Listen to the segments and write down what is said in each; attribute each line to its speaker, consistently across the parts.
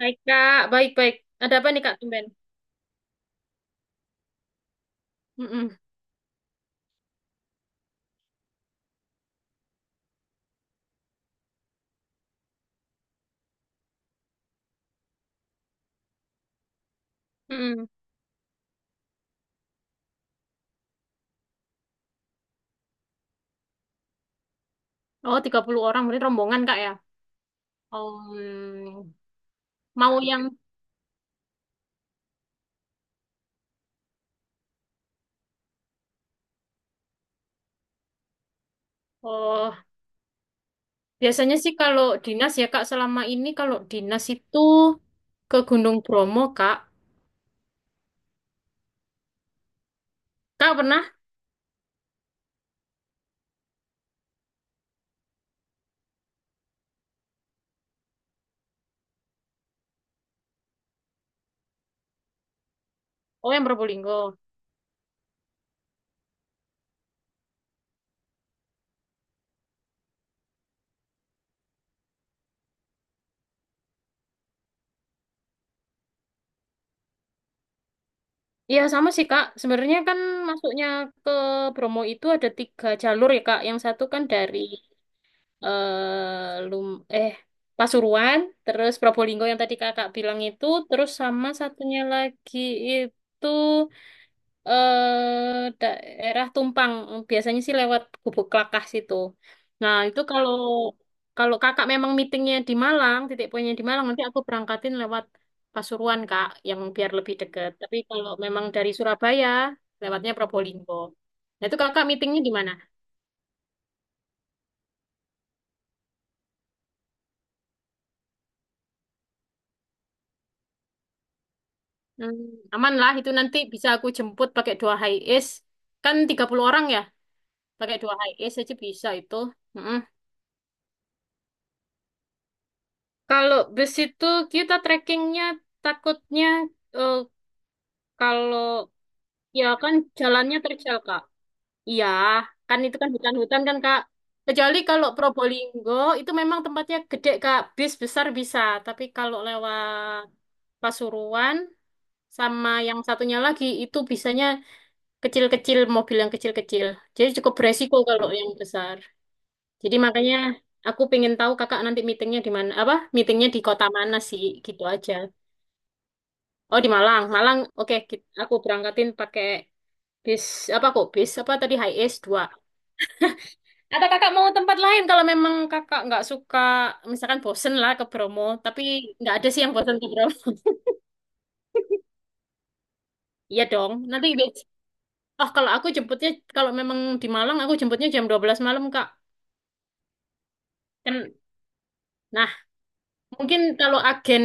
Speaker 1: Baik, Kak. Baik-baik. Ada apa nih, Kak? Tumben. Mm-mm. Mm-mm. Oh, 30 orang. Berarti rombongan, Kak, ya? Oh, mau yang... Oh, biasanya sih kalau dinas ya, Kak. Selama ini kalau dinas itu ke Gunung Bromo, Kak. Kak pernah? Oh, yang Probolinggo. Iya, sama sih, Kak. Sebenarnya kan masuknya ke Bromo itu ada tiga jalur ya, Kak. Yang satu kan dari eh lum eh Pasuruan, terus Probolinggo yang tadi kakak bilang itu, terus sama satunya lagi itu daerah Tumpang, biasanya sih lewat Gubuk Klakah situ. Nah itu kalau kalau kakak memang meetingnya di Malang, titik poinnya di Malang, nanti aku berangkatin lewat Pasuruan kak, yang biar lebih deket. Tapi kalau memang dari Surabaya, lewatnya Probolinggo. Nah itu kakak meetingnya di mana? Hmm, aman lah itu nanti bisa aku jemput pakai dua high es, kan 30 orang ya, pakai dua high es aja bisa itu. Mm-mm. Kalau bus itu kita trekkingnya takutnya eh, kalau, ya kan jalannya terjal kak, iya kan, itu kan hutan-hutan kan kak. Kecuali kalau Probolinggo itu memang tempatnya gede kak, bis besar bisa. Tapi kalau lewat Pasuruan sama yang satunya lagi itu bisanya kecil-kecil, mobil yang kecil-kecil, jadi cukup beresiko kalau yang besar. Jadi makanya aku pengen tahu kakak nanti meetingnya di mana, apa meetingnya di kota mana sih, gitu aja. Oh di Malang Malang, oke, aku berangkatin pakai bis, apa kok bis apa tadi, high S 2, atau kakak mau tempat lain kalau memang kakak nggak suka, misalkan bosen lah ke Bromo, tapi nggak ada sih yang bosen ke Bromo. Iya dong, nanti oh kalau aku jemputnya, kalau memang di Malang aku jemputnya jam 12 malam kak, kan. Nah, mungkin kalau agen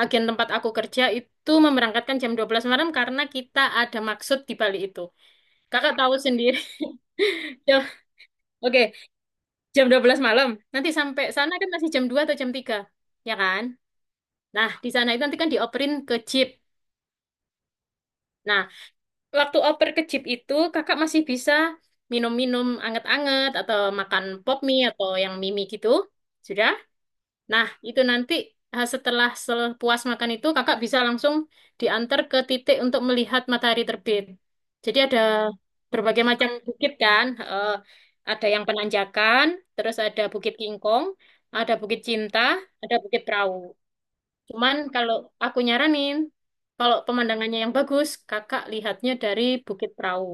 Speaker 1: agen tempat aku kerja itu memerangkatkan jam 12 malam karena kita ada maksud di balik itu. Kakak tahu sendiri. Jam, oke, jam 12 malam. Nanti sampai sana kan masih jam 2 atau jam 3, ya kan? Nah, di sana itu nanti kan dioperin ke jeep. Nah, waktu oper ke jeep itu kakak masih bisa minum-minum anget-anget atau makan pop mie atau yang mimi gitu. Sudah? Nah, itu nanti setelah puas makan itu kakak bisa langsung diantar ke titik untuk melihat matahari terbit. Jadi ada berbagai macam bukit kan, ada yang penanjakan, terus ada Bukit Kingkong, ada Bukit Cinta, ada Bukit Perahu. Cuman kalau aku nyaranin, kalau pemandangannya yang bagus, kakak lihatnya dari Bukit Perahu.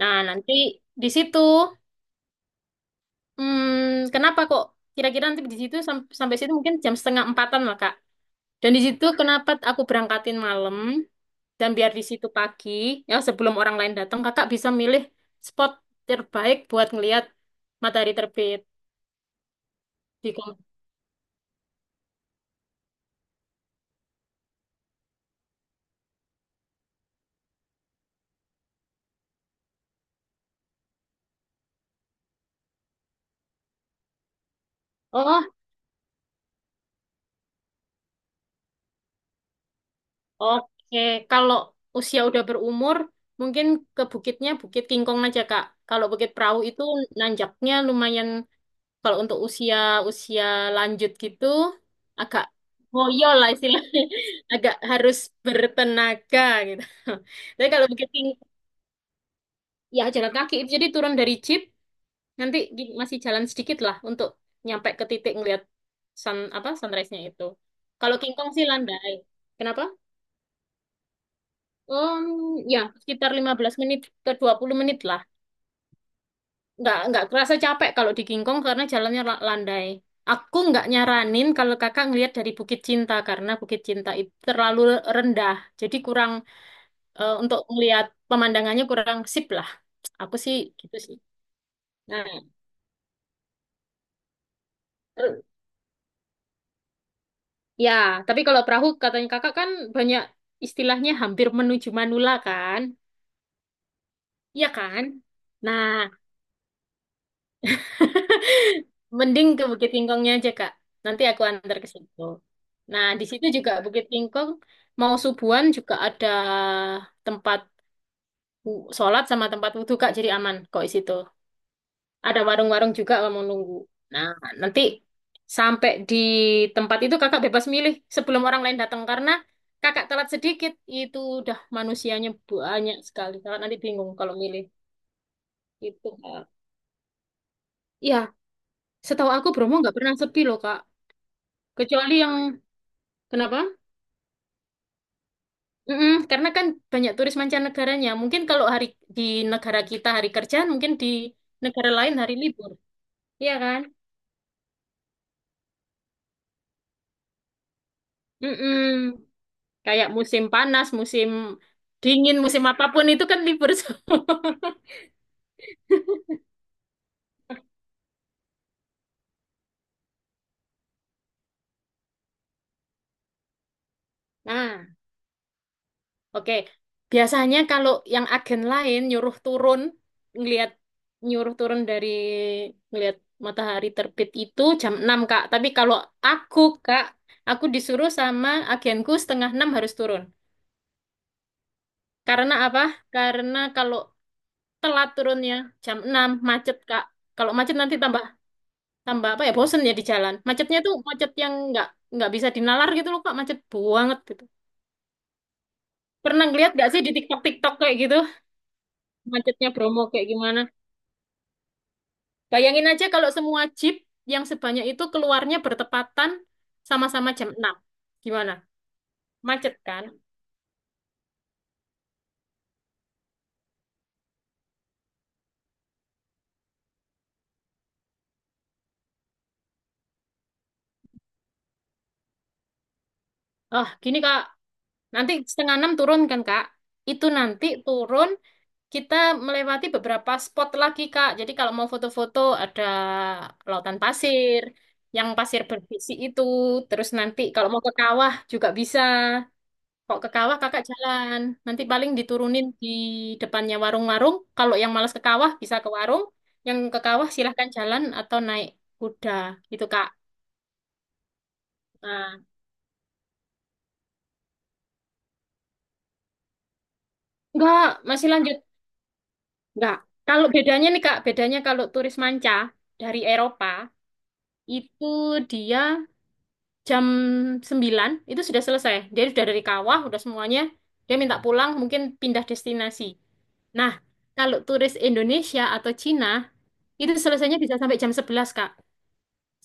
Speaker 1: Nah, nanti di situ, kenapa kok kira-kira nanti di situ sampai situ mungkin jam setengah empatan lah kak. Dan di situ kenapa aku berangkatin malam dan biar di situ pagi, ya sebelum orang lain datang, kakak bisa milih spot terbaik buat ngelihat matahari terbit di Kom- Oh, oke. Kalau usia udah berumur, mungkin ke bukitnya Bukit Kingkong aja, Kak. Kalau Bukit Perahu itu nanjaknya lumayan kalau untuk usia usia lanjut gitu, agak ngoyo lah istilahnya. Agak harus bertenaga gitu. Tapi kalau ya jalan kaki, jadi turun dari jeep nanti masih jalan sedikit lah untuk nyampe ke titik ngelihat sunrise-nya itu. Kalau King Kong sih landai. Kenapa, um, ya sekitar 15 menit ke 20 menit lah, nggak kerasa capek kalau di King Kong karena jalannya landai. Aku nggak nyaranin kalau kakak ngelihat dari Bukit Cinta karena Bukit Cinta itu terlalu rendah, jadi kurang untuk ngelihat pemandangannya kurang sip lah, aku sih gitu sih. Nah, ya, tapi kalau perahu katanya kakak kan banyak istilahnya hampir menuju Manula kan? Iya kan? Nah, mending ke Bukit Tingkongnya aja Kak. Nanti aku antar ke situ. Nah, di situ juga Bukit Tingkong mau subuhan juga ada tempat sholat sama tempat wudhu Kak, jadi aman kok di situ. Ada warung-warung juga kalau mau nunggu. Nah, nanti sampai di tempat itu kakak bebas milih sebelum orang lain datang karena kakak telat sedikit itu udah manusianya banyak sekali. Kakak nanti bingung kalau milih itu, Kak. Ya, setahu aku Bromo nggak pernah sepi loh kak. Kecuali yang, kenapa? Mm-mm, karena kan banyak turis mancanegaranya. Mungkin kalau hari di negara kita hari kerjaan, mungkin di negara lain hari libur. Iya kan? Mm-mm. Kayak musim panas, musim dingin, musim apapun itu kan libur semua. Nah, oke. Biasanya kalau yang agen lain nyuruh turun, ngelihat, nyuruh turun dari ngelihat matahari terbit itu jam 6, Kak. Tapi kalau aku, Kak, aku disuruh sama agenku setengah 6 harus turun. Karena apa? Karena kalau telat turunnya jam 6 macet, Kak. Kalau macet nanti tambah tambah apa ya, bosen ya di jalan, macetnya tuh macet yang nggak bisa dinalar gitu loh kak, macet banget gitu. Pernah ngeliat nggak sih di TikTok TikTok kayak gitu macetnya Bromo kayak gimana? Bayangin aja kalau semua jeep yang sebanyak itu keluarnya bertepatan sama-sama jam 6, gimana, macet kan. Oh gini kak, nanti setengah enam turun kan kak, itu nanti turun. Kita melewati beberapa spot lagi, Kak. Jadi kalau mau foto-foto ada lautan pasir, yang pasir berbisi itu. Terus nanti kalau mau ke kawah juga bisa. Kok ke kawah kakak jalan. Nanti paling diturunin di depannya warung-warung. Kalau yang malas ke kawah bisa ke warung. Yang ke kawah silahkan jalan atau naik kuda. Itu, Kak. Nah, enggak, masih lanjut. Enggak. Kalau bedanya nih, Kak. Bedanya kalau turis manca dari Eropa, itu dia jam 9 itu sudah selesai. Dia sudah dari kawah, udah semuanya. Dia minta pulang, mungkin pindah destinasi. Nah, kalau turis Indonesia atau Cina, itu selesainya bisa sampai jam 11 Kak,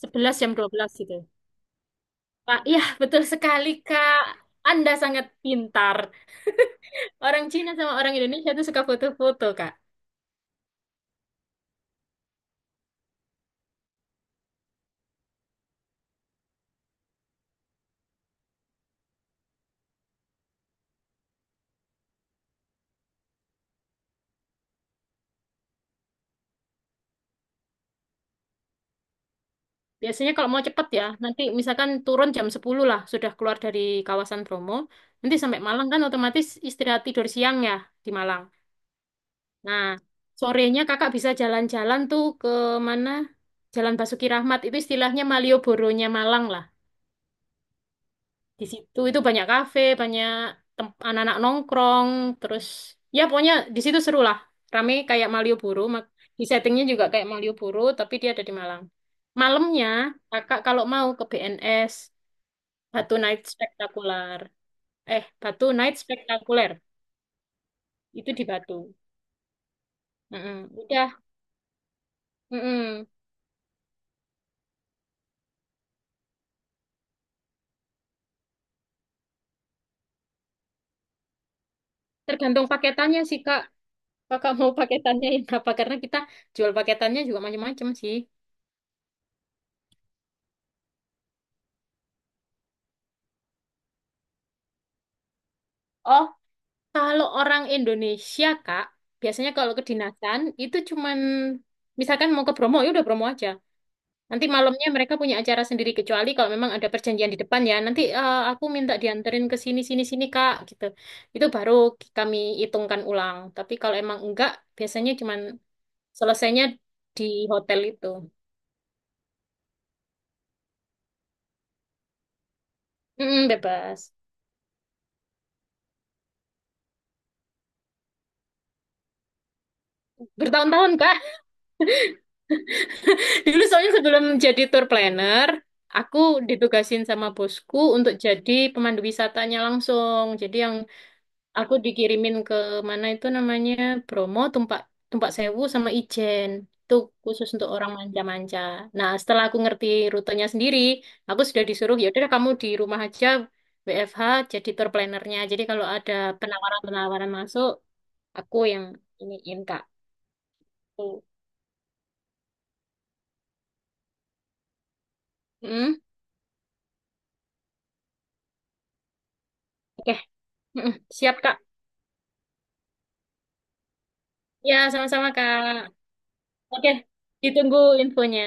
Speaker 1: 11 jam 12 gitu. Pak, iya betul sekali, Kak. Anda sangat pintar. Orang Cina sama orang Indonesia itu suka foto-foto, Kak. Biasanya kalau mau cepet ya, nanti misalkan turun jam 10 lah, sudah keluar dari kawasan Bromo, nanti sampai Malang kan otomatis istirahat tidur siang ya di Malang. Nah, sorenya kakak bisa jalan-jalan tuh ke mana? Jalan Basuki Rahmat itu istilahnya Malioboro-nya Malang lah. Di situ itu banyak kafe, banyak anak-anak nongkrong, terus ya pokoknya di situ seru lah. Rame kayak Malioboro, di settingnya juga kayak Malioboro, tapi dia ada di Malang. Malamnya kakak kalau mau ke BNS, Batu Night Spektakuler. Batu Night Spektakuler itu di Batu. Mm-mm. Udah, mm-mm. Tergantung paketannya sih Kak. Kakak mau paketannya ini apa? Karena kita jual paketannya juga macam-macam sih. Oh, kalau orang Indonesia, Kak, biasanya kalau kedinasan itu cuman misalkan mau ke Bromo, ya udah Bromo aja. Nanti malamnya mereka punya acara sendiri kecuali kalau memang ada perjanjian di depan ya. Nanti aku minta dianterin ke sini sini sini Kak gitu. Itu baru kami hitungkan ulang. Tapi kalau emang enggak, biasanya cuman selesainya di hotel itu. Mm, bebas. Bertahun-tahun Kak. Dulu soalnya sebelum jadi tour planner, aku ditugasin sama bosku untuk jadi pemandu wisatanya langsung. Jadi yang aku dikirimin ke mana itu namanya Bromo, Tumpak Tumpak Sewu sama Ijen. Itu khusus untuk orang manja-manja. Nah, setelah aku ngerti rutenya sendiri, aku sudah disuruh ya udah kamu di rumah aja WFH jadi tour planner-nya. Jadi kalau ada penawaran-penawaran masuk, aku yang iniin Kak. Hmm, oke. Mm-mm. Siap, Kak. Ya, sama-sama, Kak. Oke, ditunggu infonya.